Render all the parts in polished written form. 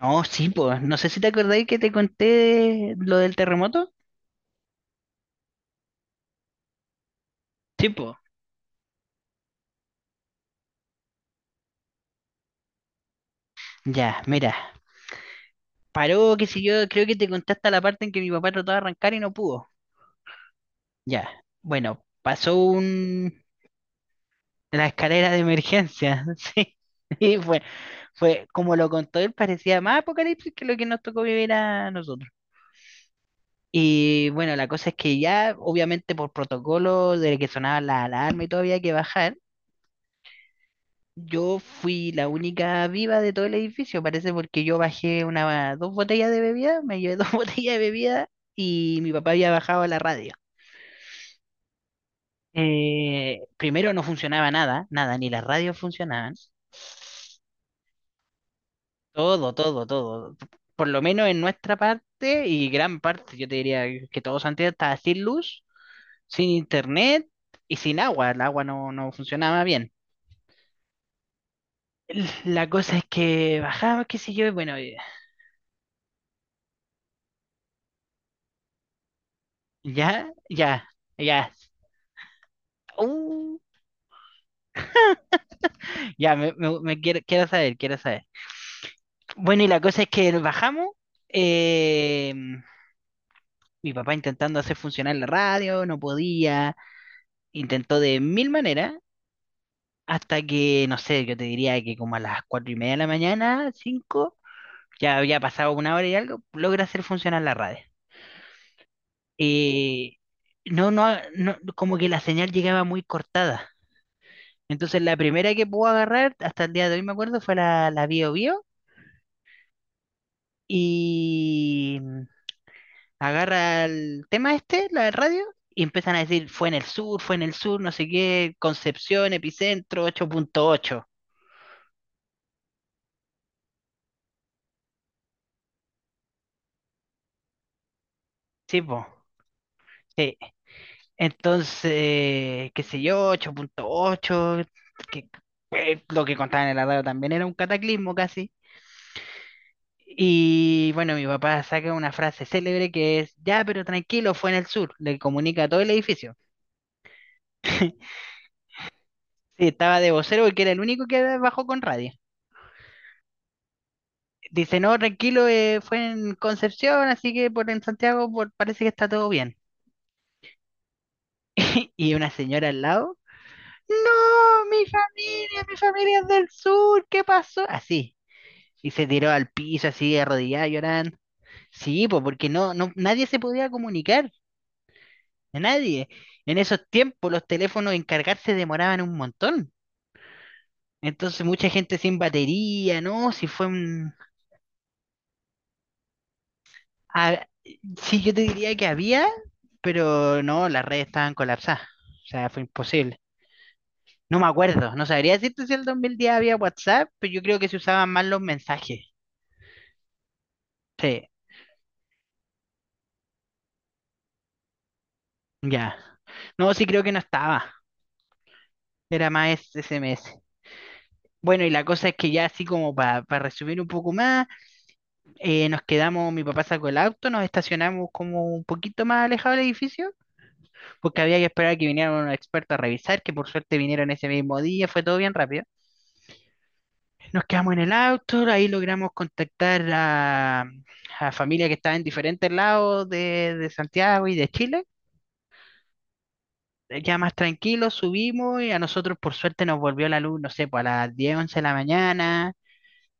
No, sí, pues, no sé si te acordáis que te conté lo del terremoto. Sí, pues, ya, mira, paró, qué sé yo, creo que te conté hasta la parte en que mi papá trató de arrancar y no pudo. Ya, bueno, pasó la escalera de emergencia, sí. Y fue, como lo contó él, parecía más apocalipsis que lo que nos tocó vivir a nosotros. Y bueno, la cosa es que ya, obviamente por protocolo de que sonaba la alarma y todo había que bajar. Yo fui la única viva de todo el edificio, parece, porque yo bajé una, dos botellas de bebida, me llevé dos botellas de bebida y mi papá había bajado la radio. Primero no funcionaba nada, nada, ni las radios funcionaban. Todo, todo, todo. Por lo menos en nuestra parte y gran parte, yo te diría que todo Santiago estaba sin luz, sin internet y sin agua. El agua no, no funcionaba bien. La cosa es que bajaba, qué sé yo, y bueno, ya, ya, ya. Uh, ya, me quiero, quiero saber, quiero saber. Bueno, y la cosa es que bajamos. eh, mi papá intentando hacer funcionar la radio, no podía. Intentó de mil maneras. Hasta que, no sé, yo te diría que como a las 4:30 de la mañana, cinco, ya había pasado una hora y algo, logra hacer funcionar la radio. Eh, no, no, no, como que la señal llegaba muy cortada. Entonces la primera que pude agarrar, hasta el día de hoy me acuerdo, fue la Bio Bio. Y mm, agarra el tema este, la de radio, y empiezan a decir, fue en el sur, fue en el sur, no sé qué, Concepción, epicentro, 8.8. Sí, po. Sí. Entonces, qué sé yo, 8.8, que, lo que contaban en la radio también era un cataclismo casi. Y bueno, mi papá saca una frase célebre que es, ya, pero tranquilo, fue en el sur, le comunica a todo el edificio. Sí, estaba de vocero porque era el único que bajó con radio. Dice, no, tranquilo, fue en Concepción, así que por en Santiago por, parece que está todo bien. Y una señora al lado, no, mi familia es del sur, ¿qué pasó? Así. Y se tiró al piso así, arrodillada, llorando. Sí, pues porque no, no, nadie se podía comunicar, nadie. En esos tiempos los teléfonos en cargarse demoraban un montón. Entonces mucha gente sin batería, ¿no? Si fue un, A- sí, yo te diría que había, pero no, las redes estaban colapsadas. O sea, fue imposible. No me acuerdo, no sabría decirte si el 2010 había WhatsApp, pero yo creo que se usaban más los mensajes. Sí, ya. No, sí creo que no estaba. Era más SMS. Bueno, y la cosa es que ya así como para resumir un poco más, nos quedamos, mi papá sacó el auto, nos estacionamos como un poquito más alejado del edificio, porque había que esperar que vinieran unos expertos a revisar, que por suerte vinieron ese mismo día, fue todo bien rápido. Nos quedamos en el auto, ahí logramos contactar a familia que estaba en diferentes lados de, Santiago y de Chile. Ya más tranquilos subimos y a nosotros por suerte nos volvió la luz, no sé, pues a las 10, 11 de la mañana.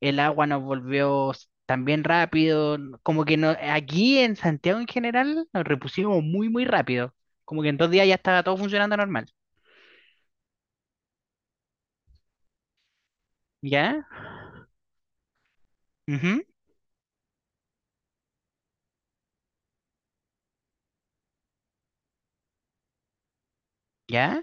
El agua nos volvió también rápido. Como que no, aquí en Santiago en general nos repusimos muy, muy rápido. Como que en 2 días ya estaba todo funcionando normal. ¿Ya? Ujú, ¿ya?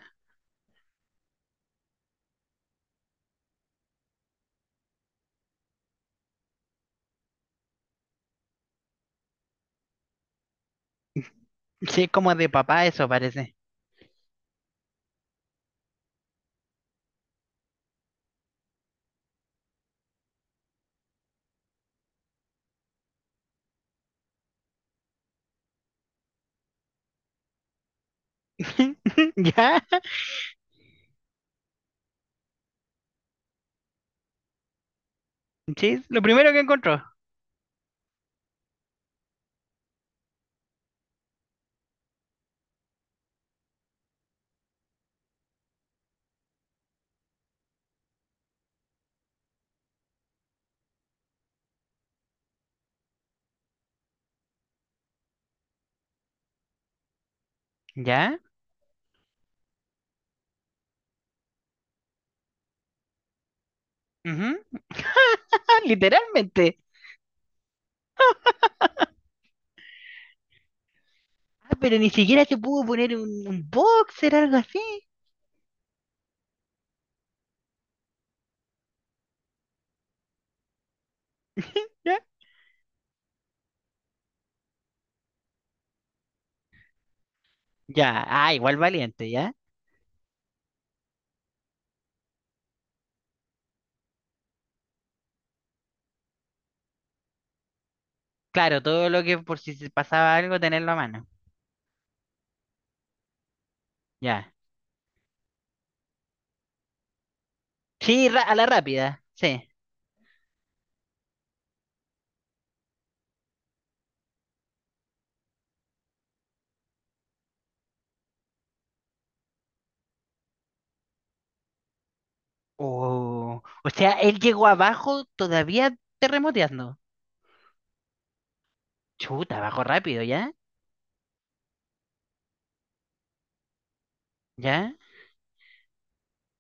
Sí, es como de papá eso parece. ¿Ya? Sí, es lo primero que encontró. ¿Ya? Ujú. Ah, literalmente. Ah, pero ni siquiera se pudo poner un boxer, algo así. ¿Ya? Ya, ah, igual valiente, ¿ya? Claro, todo lo que por si se pasaba algo, tenerlo a mano. Ya. Sí, a la rápida, sí. Oh, o sea, él llegó abajo todavía terremoteando. Chuta, abajo rápido, ¿ya? ¿Ya?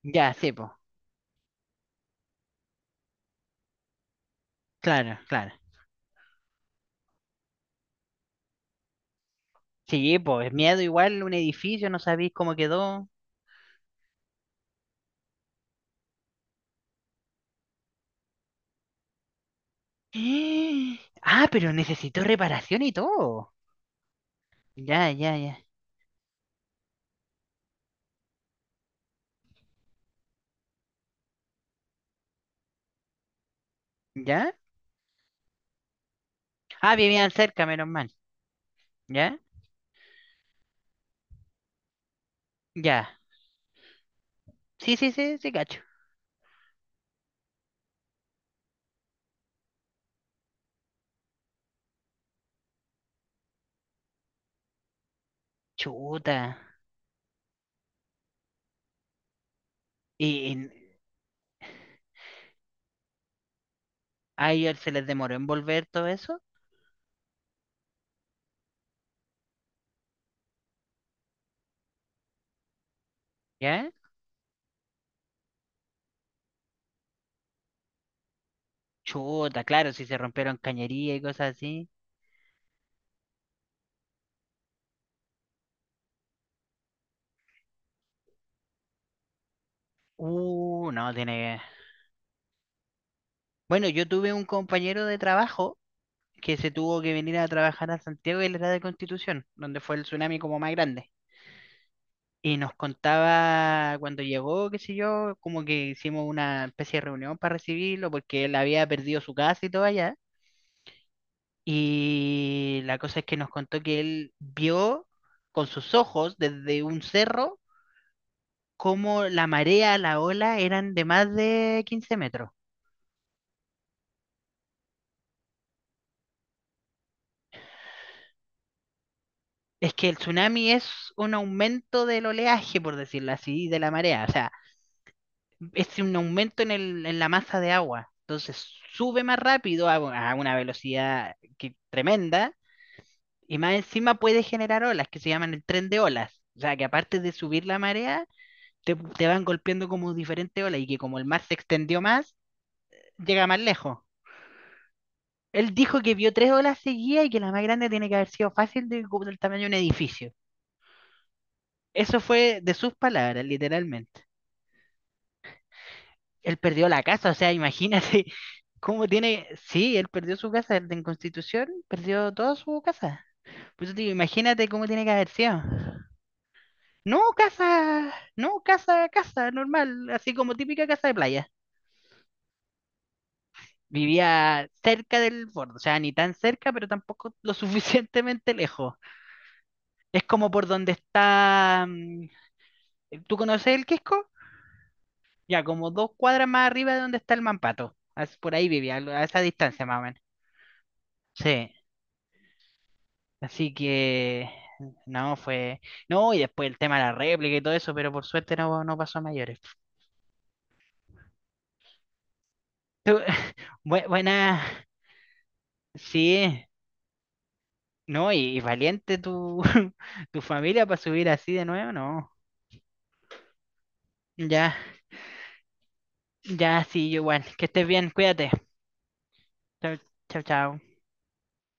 Ya, sí, po. Claro, claro. Sí, po, es miedo igual, un edificio, no sabéis cómo quedó. Ah, pero necesitó reparación y todo. Ya, ya, ya. ¿Ya? Ah, vivían cerca, menos mal. ¿Ya? Ya. Sí, sí, sí, sí, cacho. Chuta. ¿Y, y a ellos se les demoró en volver todo eso? ¿Ya? Chuta, claro, si se rompieron cañería y cosas así. No, tiene... que... Bueno, yo tuve un compañero de trabajo que se tuvo que venir a trabajar a Santiago y él era de Constitución, donde fue el tsunami como más grande. Y nos contaba cuando llegó, qué sé yo, como que hicimos una especie de reunión para recibirlo porque él había perdido su casa y todo allá. Y la cosa es que nos contó que él vio con sus ojos desde un cerro cómo la marea, la ola eran de más de 15 metros. Es que el tsunami es un aumento del oleaje, por decirlo así, de la marea. O sea, es un aumento en en la masa de agua. Entonces sube más rápido a, una velocidad que, tremenda y más encima puede generar olas que se llaman el tren de olas. O sea, que aparte de subir la marea, te van golpeando como diferentes olas y que como el mar se extendió más, llega más lejos. Él dijo que vio tres olas seguidas y que la más grande tiene que haber sido fácil de, como del tamaño de un edificio. Eso fue de sus palabras, literalmente. Él perdió la casa, o sea, imagínate cómo tiene, sí, él perdió su casa el de en Constitución, perdió toda su casa. Pues digo, imagínate cómo tiene que haber sido. No, casa, no, casa, casa, normal, así como típica casa de playa. Vivía cerca del borde, o sea, ni tan cerca, pero tampoco lo suficientemente lejos. Es como por donde está, mm, ¿tú conoces el Quisco? Ya, como 2 cuadras más arriba de donde está el Mampato. Por ahí vivía, a esa distancia más o menos. Sí. Así que no fue. No, y después el tema de la réplica y todo eso, pero por suerte no, no pasó a mayores. Tú- Buena, sí, no, y valiente tu, tu familia para subir así de nuevo, no. Ya, ya, sí, yo igual. Que estés bien, cuídate. Chao, chao, chao.